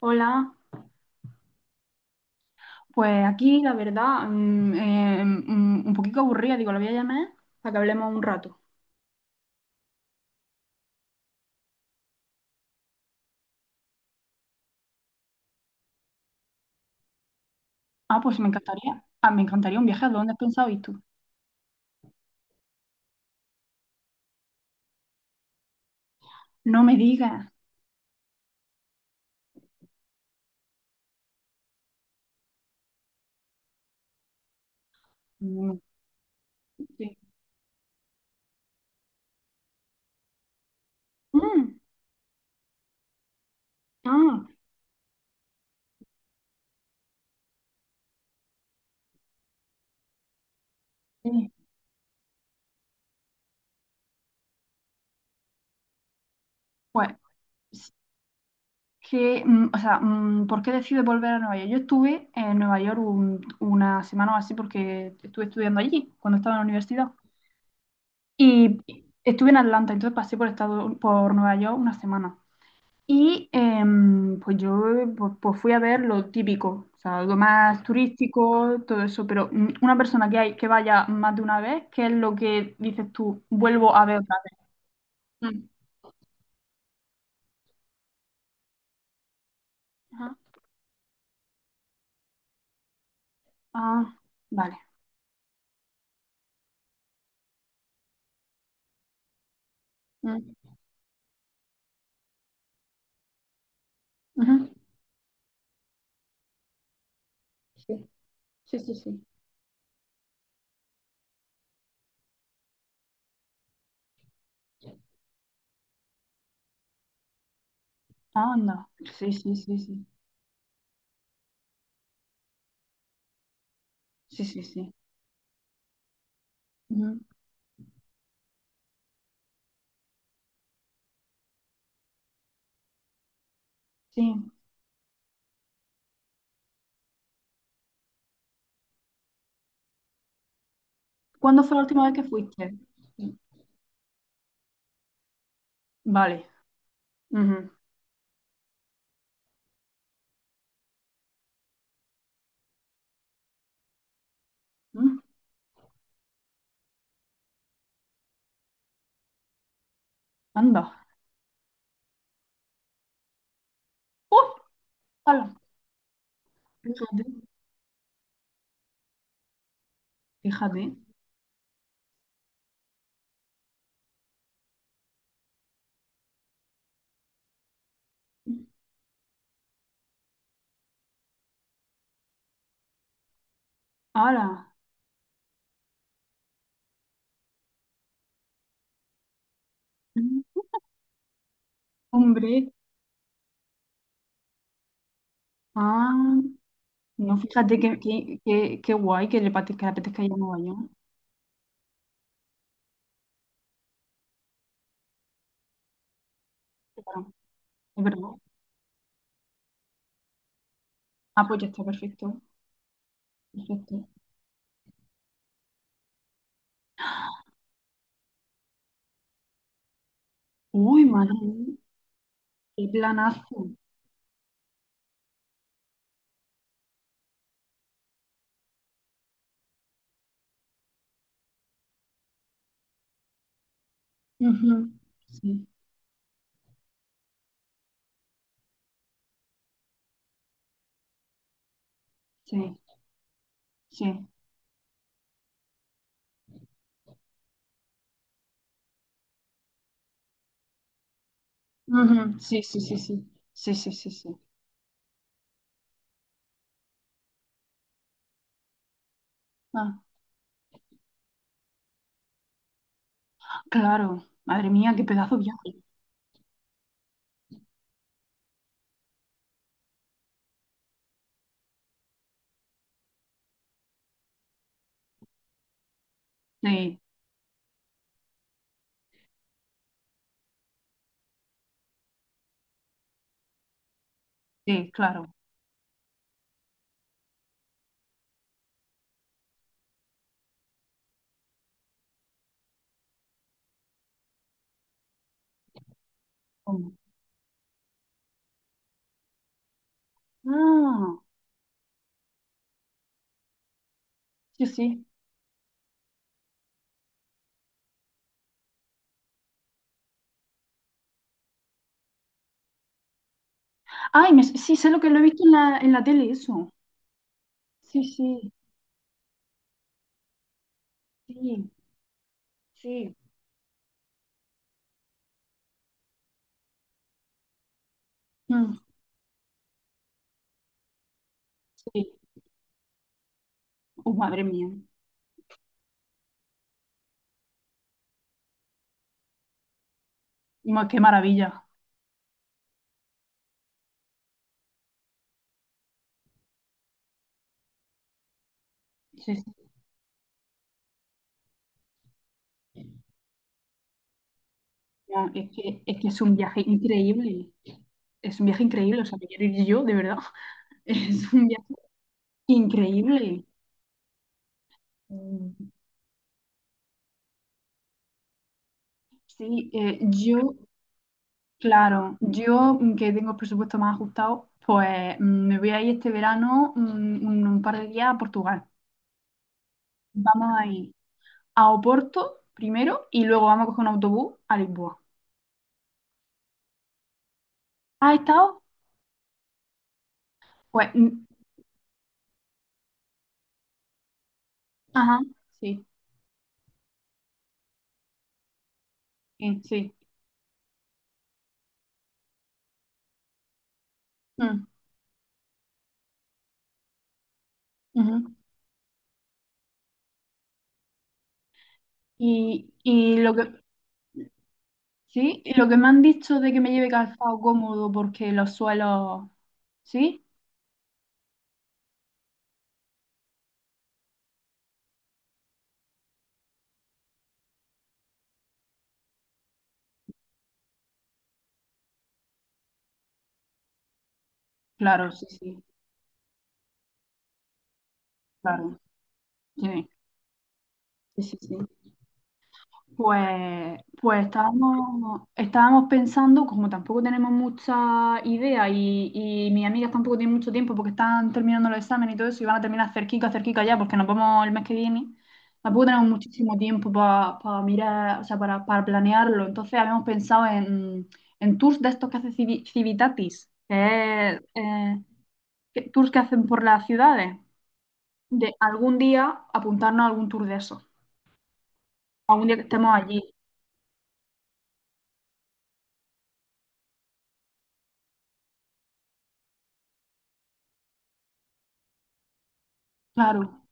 Hola, pues aquí la verdad, un poquito aburrida, digo, la voy a llamar para que hablemos un rato. Ah, pues me encantaría, ah, me encantaría un viaje, ¿a dónde has pensado ir tú? No me digas. Mm, sí. Mm, ah, sí. Pues, es que, o sea, ¿por qué decides volver a Nueva York? Yo estuve en Nueva York una semana o así porque estuve estudiando allí cuando estaba en la universidad. Y estuve en Atlanta, entonces pasé por, estado, por Nueva York una semana. Y pues yo pues fui a ver lo típico, o sea, lo más turístico, todo eso, pero una persona que, hay, que vaya más de una vez, ¿qué es lo que dices tú? Vuelvo a ver otra vez. Mm. Ajá. Ah, vale. Mm. Ujú. Sí, sí, sí, sí. Ah, anda. Sí, sí, sí, sí. Sí, sí, sí. Ujú. Sí. ¿Cuándo fue la última vez que fuiste? Vale. Ujú. Mm. Anda. ¡Uh! ¡Hala! Fíjate. Fíjate. ¡Hala! Mm. Hombre, ah, no, fíjate que guay que le apetezca ir a Nueva York. Claro, es verdad. Ah, pues ya está, perfecto. Perfecto. Uy, madre mía, qué planazo. Ujú, sí, sí, sí. Ujú, sí, sí, sí, sí. Sí, sí, sí, sí. Ah, claro, madre mía, qué pedazo de viaje. Sí, sí, claro. Hombre. Ah, sí, sí. Ay, sí, sé lo que lo he visto en la tele, eso. Sí, sí, sí, sí. Mm. Sí. Oh, madre mía. Qué maravilla. Sí, sí. No, es que es un viaje increíble. Es un viaje increíble. O sea, me quiero ir yo, de verdad. Es un viaje increíble. Mm, sí, yo, claro, yo que tengo el presupuesto más ajustado, pues me voy a ir este verano, un par de días a Portugal. Vamos a ir a Oporto primero y luego vamos a coger un autobús a Lisboa. ¿Has estado? Pues, mm, ajá, sí, sí, sí. Mm, ujú. Y lo que sí, y lo que me han dicho de que me lleve calzado cómodo porque los suelos, ¿sí? Claro, sí, sí, claro. Sí, sí, sí, sí. Pues estábamos pensando, como tampoco tenemos mucha idea y mis amigas tampoco tienen mucho tiempo porque están terminando los exámenes y todo eso y van a terminar cerquita, cerquita ya porque nos vamos el mes que viene, tampoco tenemos muchísimo tiempo para mirar, o sea, para planearlo. Entonces habíamos pensado en, tours de estos que hace Civitatis, que es, tours que hacen por las ciudades, de algún día apuntarnos a algún tour de esos, algún día que estemos allí, claro.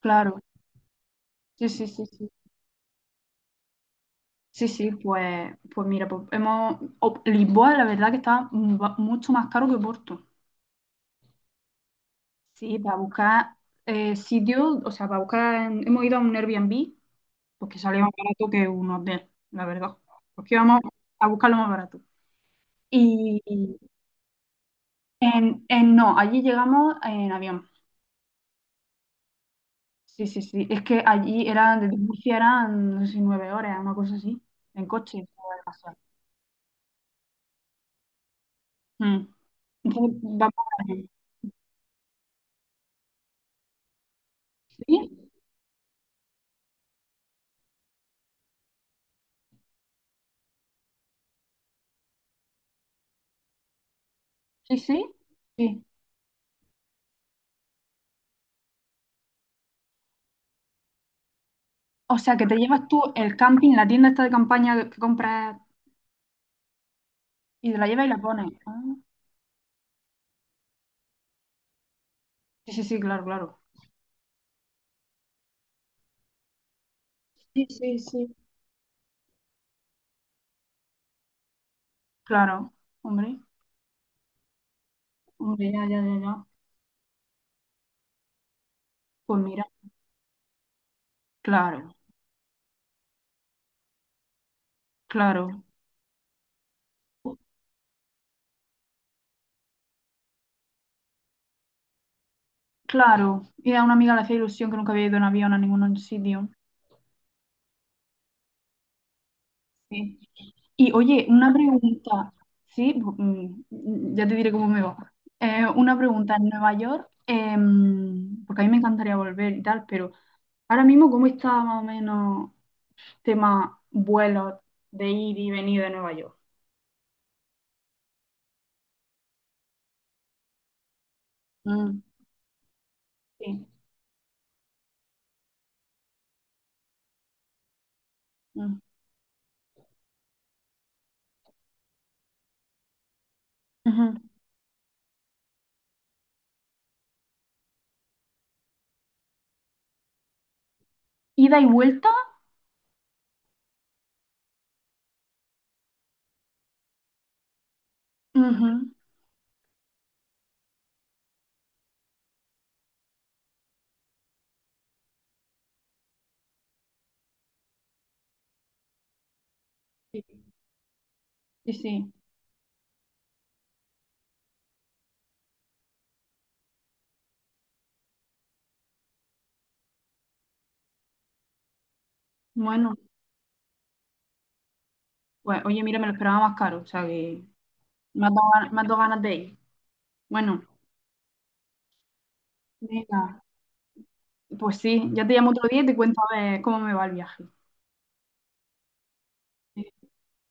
Claro, sí, sí, sí, sí. Sí, sí, pues mira, Lisboa, la verdad que está mucho más caro que Porto. Sí, para buscar, sitios, o sea, para buscar, hemos ido a un Airbnb, porque salía más barato que un hotel, la verdad. Porque íbamos a buscar lo más barato. Y no, allí llegamos en avión. Sí, sí, sí. Es que allí eran, desde Murcia eran, no sé si 9 horas, una cosa así, en coche. O algo así. Mm. Entonces, vamos a ver. Sí, sí, sí, sí. O sea, que te llevas tú el camping, la tienda esta de campaña que compras y te la llevas y la pones. Ah, sí, sí, sí, claro, claro. Sí, sí, sí. Claro, hombre, hombre, ya, ya, ya, ya. Pues mira, claro, claro, claro. Y a una amiga le hacía ilusión, que nunca había ido en avión a ningún sitio. Sí. Y oye, una pregunta, sí. Ya te diré cómo me va. Una pregunta, en Nueva York, porque a mí me encantaría volver y tal, pero ahora mismo, ¿cómo está más o menos tema vuelos de ir y venir de Nueva York? Mm, sí. Mm, ujú. ¿Ida y vuelta? Ujú. Sí, sí. Sí. Bueno, pues oye, mira, me lo esperaba más caro, o sea que me has dado ganas de ir. Bueno, venga, pues sí, ya te llamo otro día y te cuento a ver cómo me va el viaje. Sí. Chao.